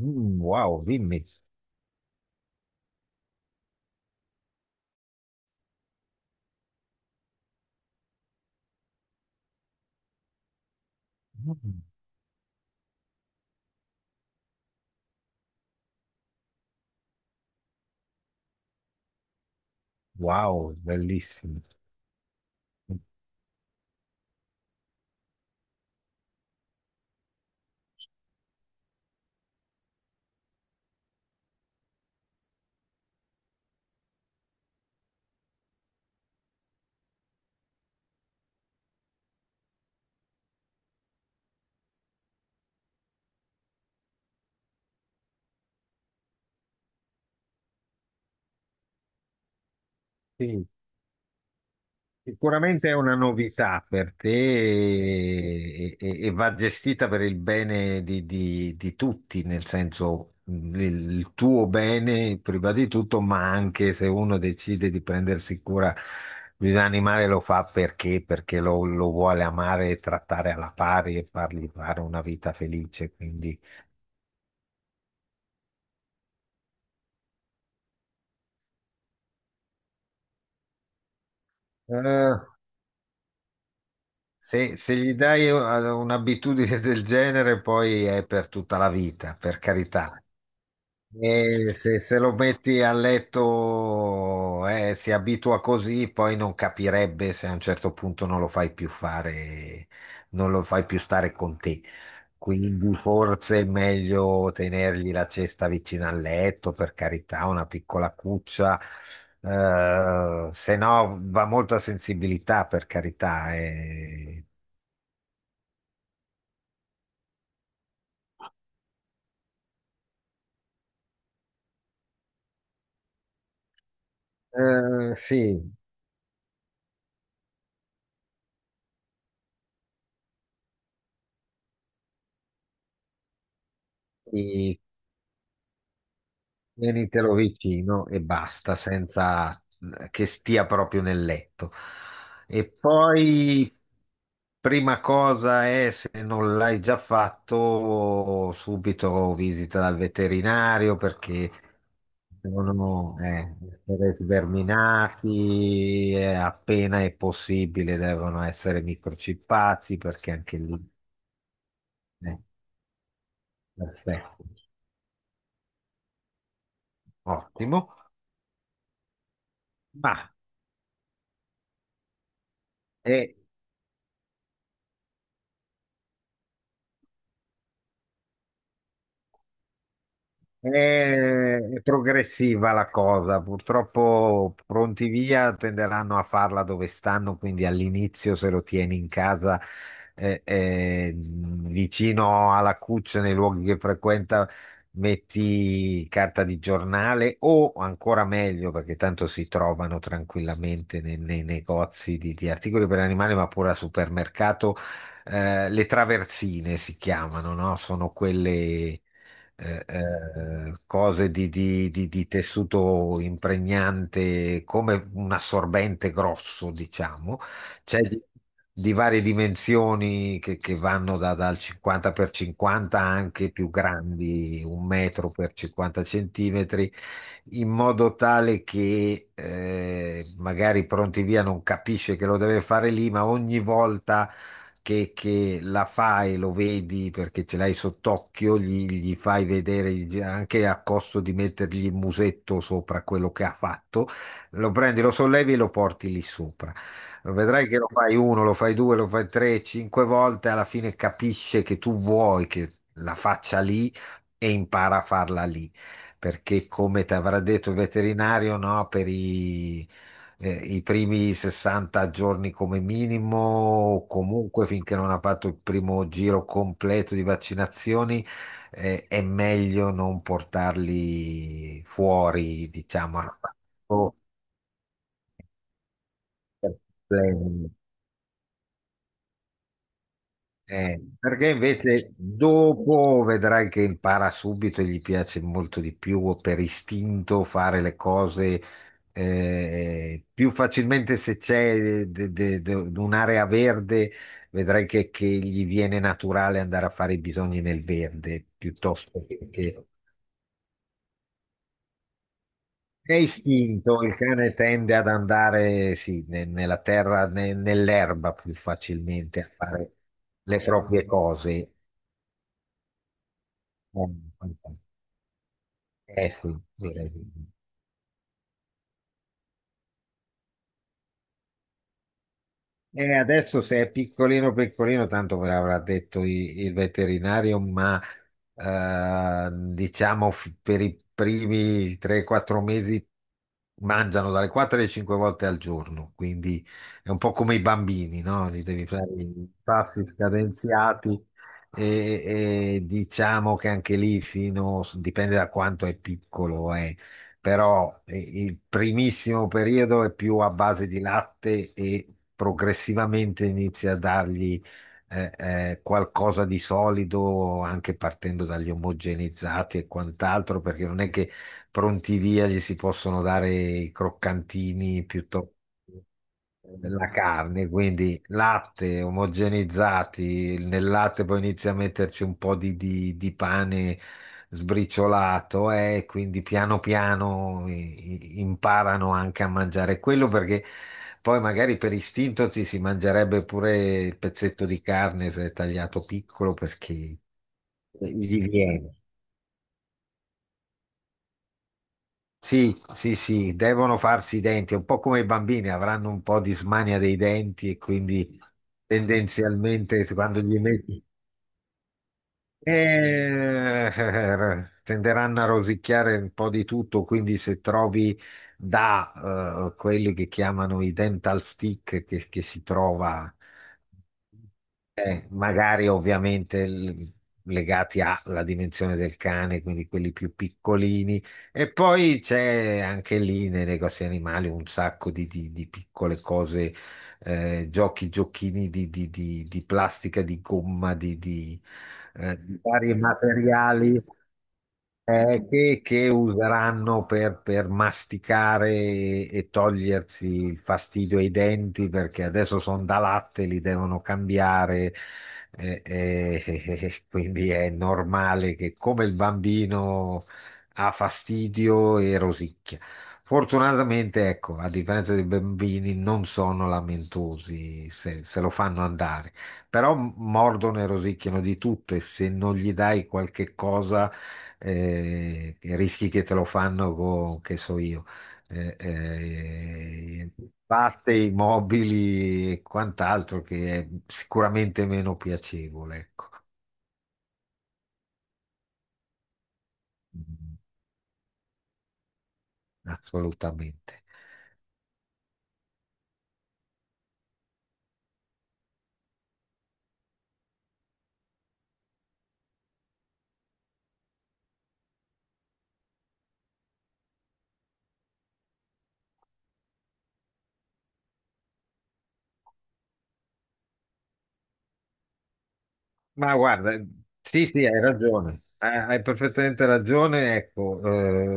Mm, wow, dimmi. Mm, wow, bellissimo. Sì, sicuramente è una novità per te e va gestita per il bene di tutti, nel senso il tuo bene prima di tutto, ma anche se uno decide di prendersi cura di un animale lo fa perché lo vuole amare e trattare alla pari e fargli fare una vita felice. Quindi. Eh, se gli dai un'abitudine del genere, poi è per tutta la vita, per carità. E se lo metti a letto, si abitua così, poi non capirebbe se a un certo punto non lo fai più fare, non lo fai più stare con te. Quindi forse è meglio tenergli la cesta vicino al letto, per carità, una piccola cuccia. Se no va molto a sensibilità, per carità. Sì, sì, tienitelo vicino e basta, senza che stia proprio nel letto. E poi, prima cosa è, se non l'hai già fatto, subito visita dal veterinario perché devono essere sverminati, appena è possibile devono essere microchippati perché anche lì. eh, Perfetto, ottimo. Ma... E è progressiva la cosa, purtroppo pronti via tenderanno a farla dove stanno, quindi all'inizio se lo tieni in casa vicino alla cuccia, nei luoghi che frequenta, metti carta di giornale o ancora meglio, perché tanto si trovano tranquillamente nei negozi di articoli per animali, ma pure al supermercato, le traversine si chiamano, no? Sono quelle cose di tessuto impregnante come un assorbente grosso, diciamo. C'è di varie dimensioni che vanno dal 50 per 50 anche più grandi, un metro per 50 centimetri in modo tale che magari pronti via non capisce che lo deve fare lì, ma ogni volta che la fai, lo vedi perché ce l'hai sott'occhio, gli fai vedere anche a costo di mettergli il musetto sopra quello che ha fatto, lo prendi, lo sollevi e lo porti lì sopra. Vedrai che lo fai uno, lo fai due, lo fai tre, cinque volte, alla fine capisce che tu vuoi che la faccia lì e impara a farla lì perché come ti avrà detto il veterinario, no, per i primi 60 giorni come minimo, o comunque finché non ha fatto il primo giro completo di vaccinazioni, è meglio non portarli fuori, diciamo. Perché invece dopo vedrai che impara subito e gli piace molto di più per istinto fare le cose più facilmente se c'è un'area verde, vedrai che gli viene naturale andare a fare i bisogni nel verde piuttosto. È istinto, il cane tende ad andare sì, nella terra, nell'erba più facilmente a fare le proprie cose. Eh, Eh sì, sì. Direi di sì. E adesso se è piccolino piccolino, tanto ve l'avrà detto il veterinario, ma diciamo per i primi 3-4 mesi mangiano dalle 4 alle 5 volte al giorno, quindi è un po' come i bambini, no? Gli devi fare i passi scadenziati e diciamo che anche lì fino, dipende da quanto è piccolo, però il primissimo periodo è più a base di latte e progressivamente inizi a dargli qualcosa di solido, anche partendo dagli omogenizzati e quant'altro, perché non è che pronti via gli si possono dare i croccantini piuttosto della carne, quindi latte omogenizzati, nel latte poi inizia a metterci un po' di pane sbriciolato e quindi piano piano imparano anche a mangiare quello perché poi magari per istinto ci si mangerebbe pure il pezzetto di carne se è tagliato piccolo perché gli viene. Sì, sì, sì, devono farsi i denti, un po' come i bambini, avranno un po' di smania dei denti e quindi tendenzialmente quando gli metti eh, tenderanno a rosicchiare un po' di tutto, quindi se trovi da quelli che chiamano i dental stick che si trova, magari ovviamente legati alla dimensione del cane, quindi quelli più piccolini, e poi c'è anche lì nei negozi animali un sacco di piccole cose giochi, giochini di plastica, di gomma, di vari materiali che useranno per masticare e togliersi il fastidio ai denti perché adesso sono da latte, li devono cambiare. Quindi è normale che come il bambino ha fastidio e rosicchia. Fortunatamente, ecco, a differenza dei bambini, non sono lamentosi se lo fanno andare, però mordono e rosicchiano di tutto e se non gli dai qualche cosa i rischi che te lo fanno con, che so io, eh, eh, batte, i mobili e quant'altro che è sicuramente meno piacevole, ecco. Mm, assolutamente. Ma guarda, sì, sì, hai ragione, hai perfettamente ragione, ecco,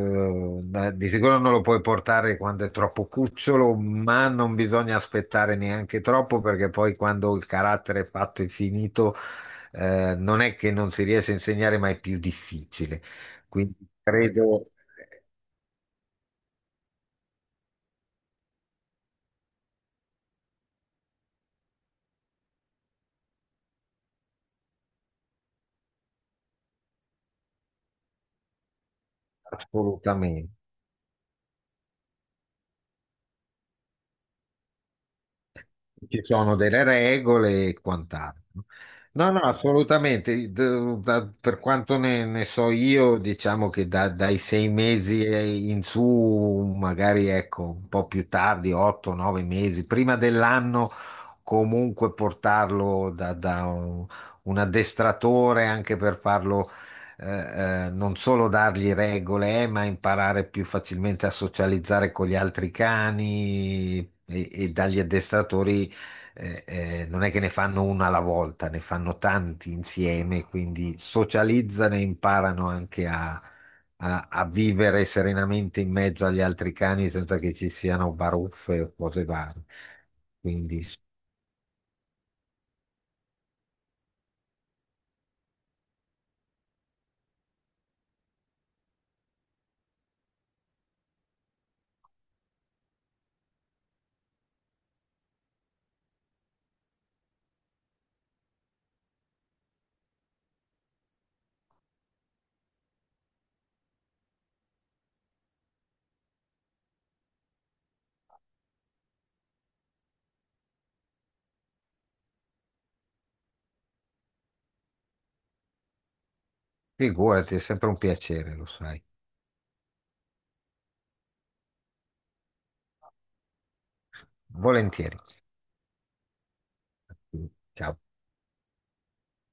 di sicuro non lo puoi portare quando è troppo cucciolo, ma non bisogna aspettare neanche troppo perché poi quando il carattere è fatto e finito non è che non si riesca a insegnare, ma è più difficile. Quindi credo eh, assolutamente. Ci sono delle regole e quant'altro. No, no, no, assolutamente. Per quanto ne so io, diciamo che dai 6 mesi e in su, magari ecco, un po' più tardi, 8, 9 mesi, prima dell'anno, comunque portarlo da un addestratore anche per farlo. Non solo dargli regole, ma imparare più facilmente a socializzare con gli altri cani e dagli addestratori non è che ne fanno una alla volta, ne fanno tanti insieme, quindi socializzano e imparano anche a vivere serenamente in mezzo agli altri cani senza che ci siano baruffe o cose varie. Quindi figurati, è sempre un piacere, lo sai. Volentieri. Ciao.